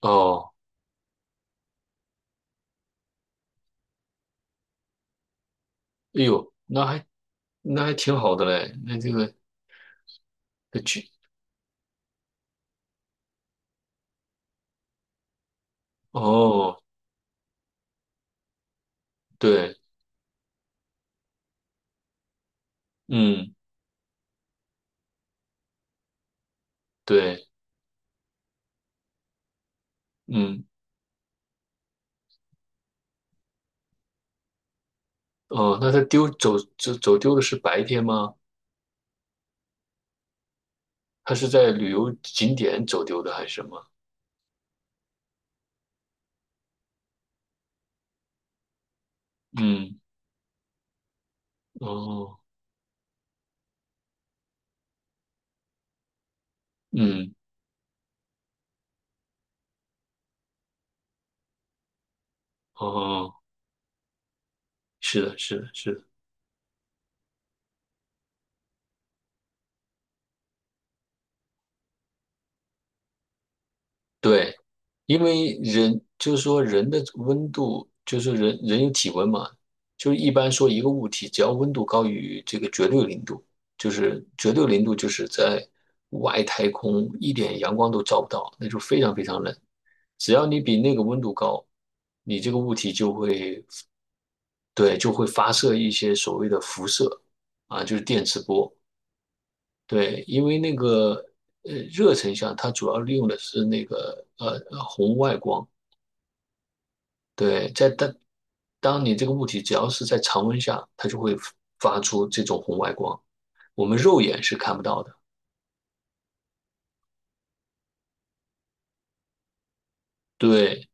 哦，哎呦，那还那还挺好的嘞。那这个这去，哦，对，嗯，对，嗯，哦，那他丢走丢的是白天吗？他是在旅游景点走丢的还是什么？嗯，哦，嗯，哦，是的，是的，是的。对，因为人就是说人的温度，就是人有体温嘛，就是一般说一个物体只要温度高于这个绝对零度，就是绝对零度就是在外太空一点阳光都照不到，那就非常非常冷。只要你比那个温度高，你这个物体就会，对，就会发射一些所谓的辐射啊，就是电磁波。对，因为那个热成像，它主要利用的是那个红外光。对，在当当你这个物体只要是在常温下，它就会发出这种红外光，我们肉眼是看不到的。对，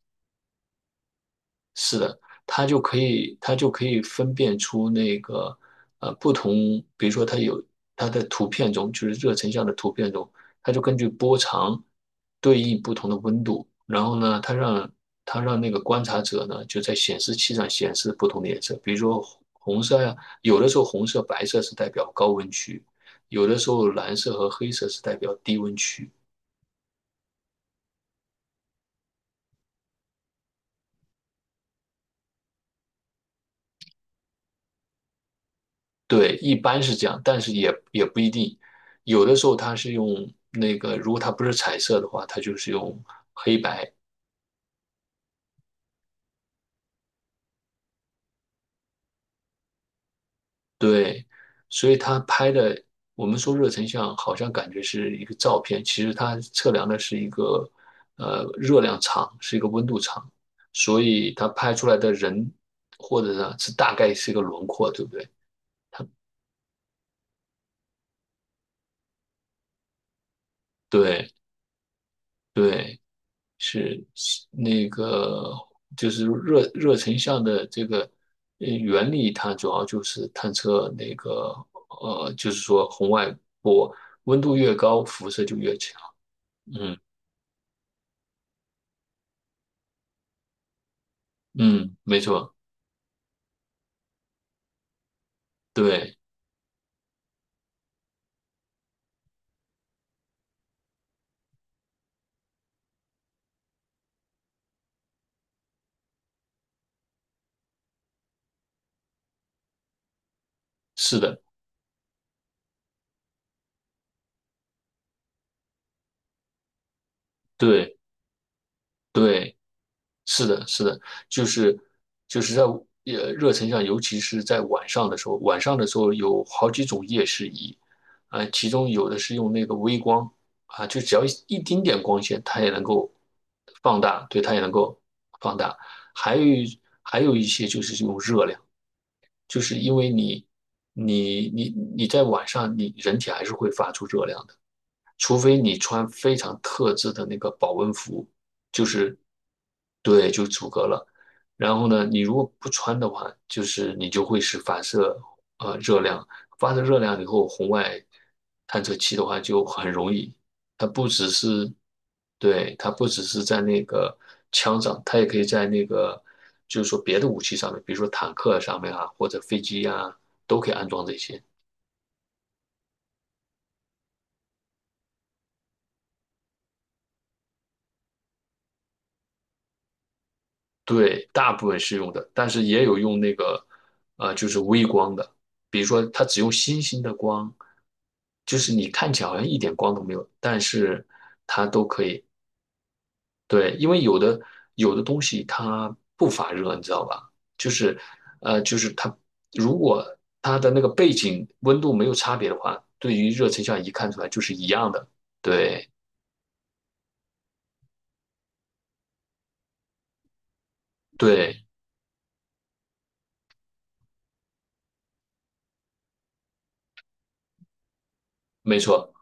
是的，它就可以，它就可以分辨出那个不同，比如说它有它的图片中，就是热成像的图片中，它就根据波长对应不同的温度，然后呢，它让它让那个观察者呢就在显示器上显示不同的颜色，比如说红色呀，有的时候红色、白色是代表高温区，有的时候蓝色和黑色是代表低温区，对，一般是这样，但是也不一定，有的时候它是用那个，如果它不是彩色的话，它就是用黑白。对，所以它拍的，我们说热成像，好像感觉是一个照片，其实它测量的是一个热量场，是一个温度场，所以它拍出来的人或者呢是大概是一个轮廓，对不对？对对。是是那个就是热热成像的这个原理，它主要就是探测那个，就是说红外波温度越高，辐射就越强。嗯嗯，没错，对，是的，对对。是的，是的，就是就是在热成像，尤其是在晚上的时候，晚上的时候有好几种夜视仪，啊、其中有的是用那个微光啊，就只要一丁点光线，它也能够放大，对，它也能够放大。还有一些就是用热量，就是因为你你在晚上，你人体还是会发出热量的。除非你穿非常特制的那个保温服，就是对，就阻隔了。然后呢，你如果不穿的话，就是你就会是反射热量，发射热量以后，红外探测器的话就很容易，它不只是对，它不只是在那个枪上，它也可以在那个就是说别的武器上面，比如说坦克上面啊，或者飞机啊，都可以安装这些。对，大部分是用的，但是也有用那个，呃，就是微光的，比如说它只用星星的光，就是你看起来好像一点光都没有，但是它都可以。对，因为有的东西它不发热，你知道吧？就是，就是它如果它的那个背景温度没有差别的话，对于热成像仪看出来就是一样的。对对，没错。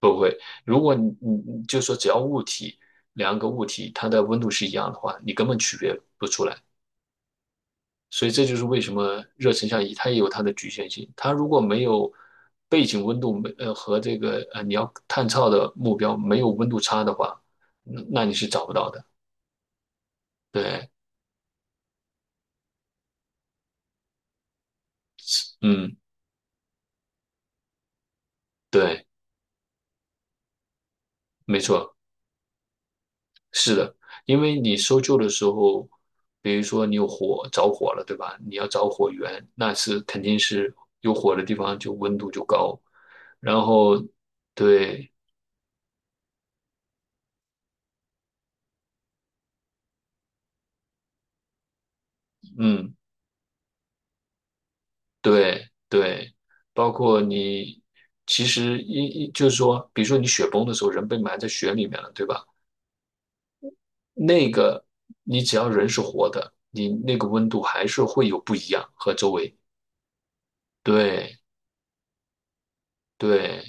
不会，如果你你就说只要物体两个物体它的温度是一样的话，你根本区别不出来。所以这就是为什么热成像仪它也有它的局限性。它如果没有背景温度没和这个你要探测的目标没有温度差的话，那你是找不到的。对，嗯，对，没错，是的，因为你搜救的时候，比如说你有火着火了，对吧？你要找火源，那是肯定是有火的地方就温度就高，然后对，嗯，对对，包括你其实就是说，比如说你雪崩的时候，人被埋在雪里面了，对吧？那个你只要人是活的，你那个温度还是会有不一样和周围。对对，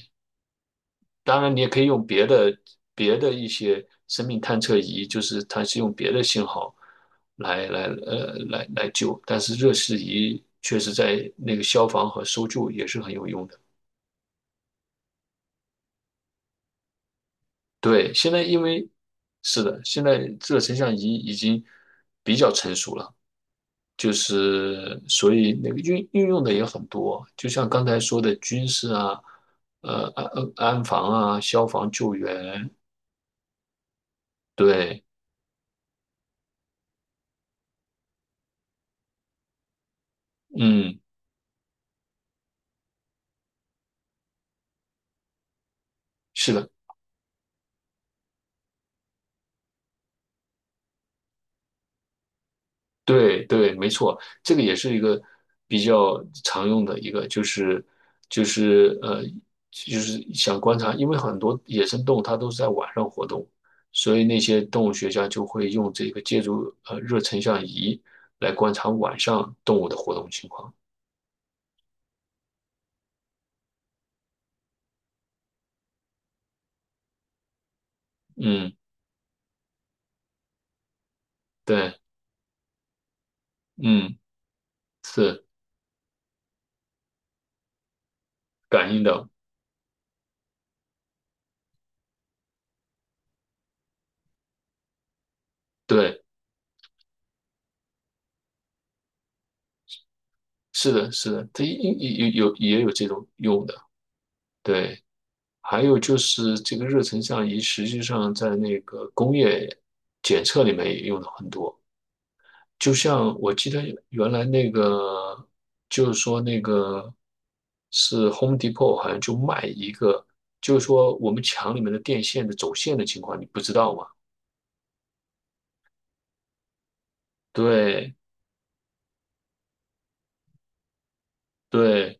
当然你也可以用别的别的一些生命探测仪，就是它是用别的信号来来救，但是热释仪确实在那个消防和搜救也是很有用的。对，现在因为是的，现在这个成像仪已经比较成熟了，就是所以那个运用的也很多，就像刚才说的军事啊，呃安防啊，消防救援，对，嗯，是的，对对，没错，这个也是一个比较常用的一个，就是就是，就是想观察，因为很多野生动物它都是在晚上活动，所以那些动物学家就会用这个借助热成像仪来观察晚上动物的活动情况。嗯，对，嗯，是感应的，对，是的，是的，它有也有这种用的，对。还有就是这个热成像仪，实际上在那个工业检测里面也用的很多。就像我记得原来那个，就是说那个是 Home Depot 好像就卖一个，就是说我们墙里面的电线的走线的情况，你不知道吗？对对，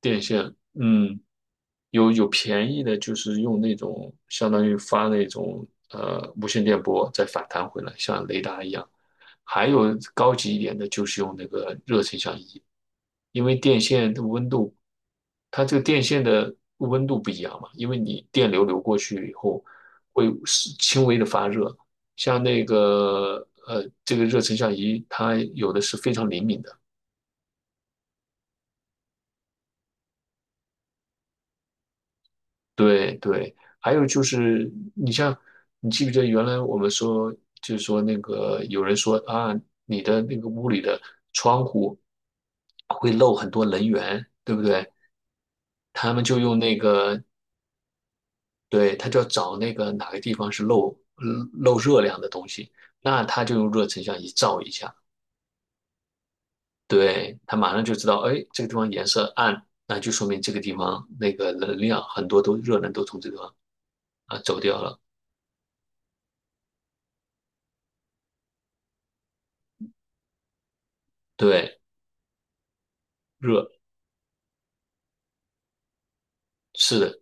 电线，嗯。有有便宜的，就是用那种相当于发那种无线电波再反弹回来，像雷达一样。还有高级一点的，就是用那个热成像仪，因为电线的温度，它这个电线的温度不一样嘛，因为你电流流过去以后会是轻微的发热，像那个这个热成像仪，它有的是非常灵敏的。对对，还有就是，你像，你记不记得原来我们说，就是说那个有人说啊，你的那个屋里的窗户会漏很多能源，对不对？他们就用那个，对，他就要找那个哪个地方是漏漏热量的东西，那他就用热成像仪照一下，对，他马上就知道，哎，这个地方颜色暗，那就说明这个地方那个能量很多都热能都从这个地方啊走掉了，对，热。是的，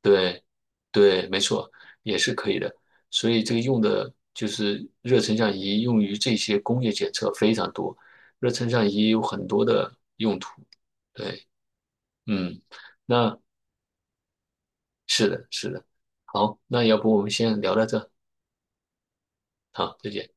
对，对，没错，也是可以的。所以这个用的就是热成像仪，用于这些工业检测非常多。热成像仪有很多的用途。对，嗯，那是的，是的。好，那要不我们先聊到这，好，再见。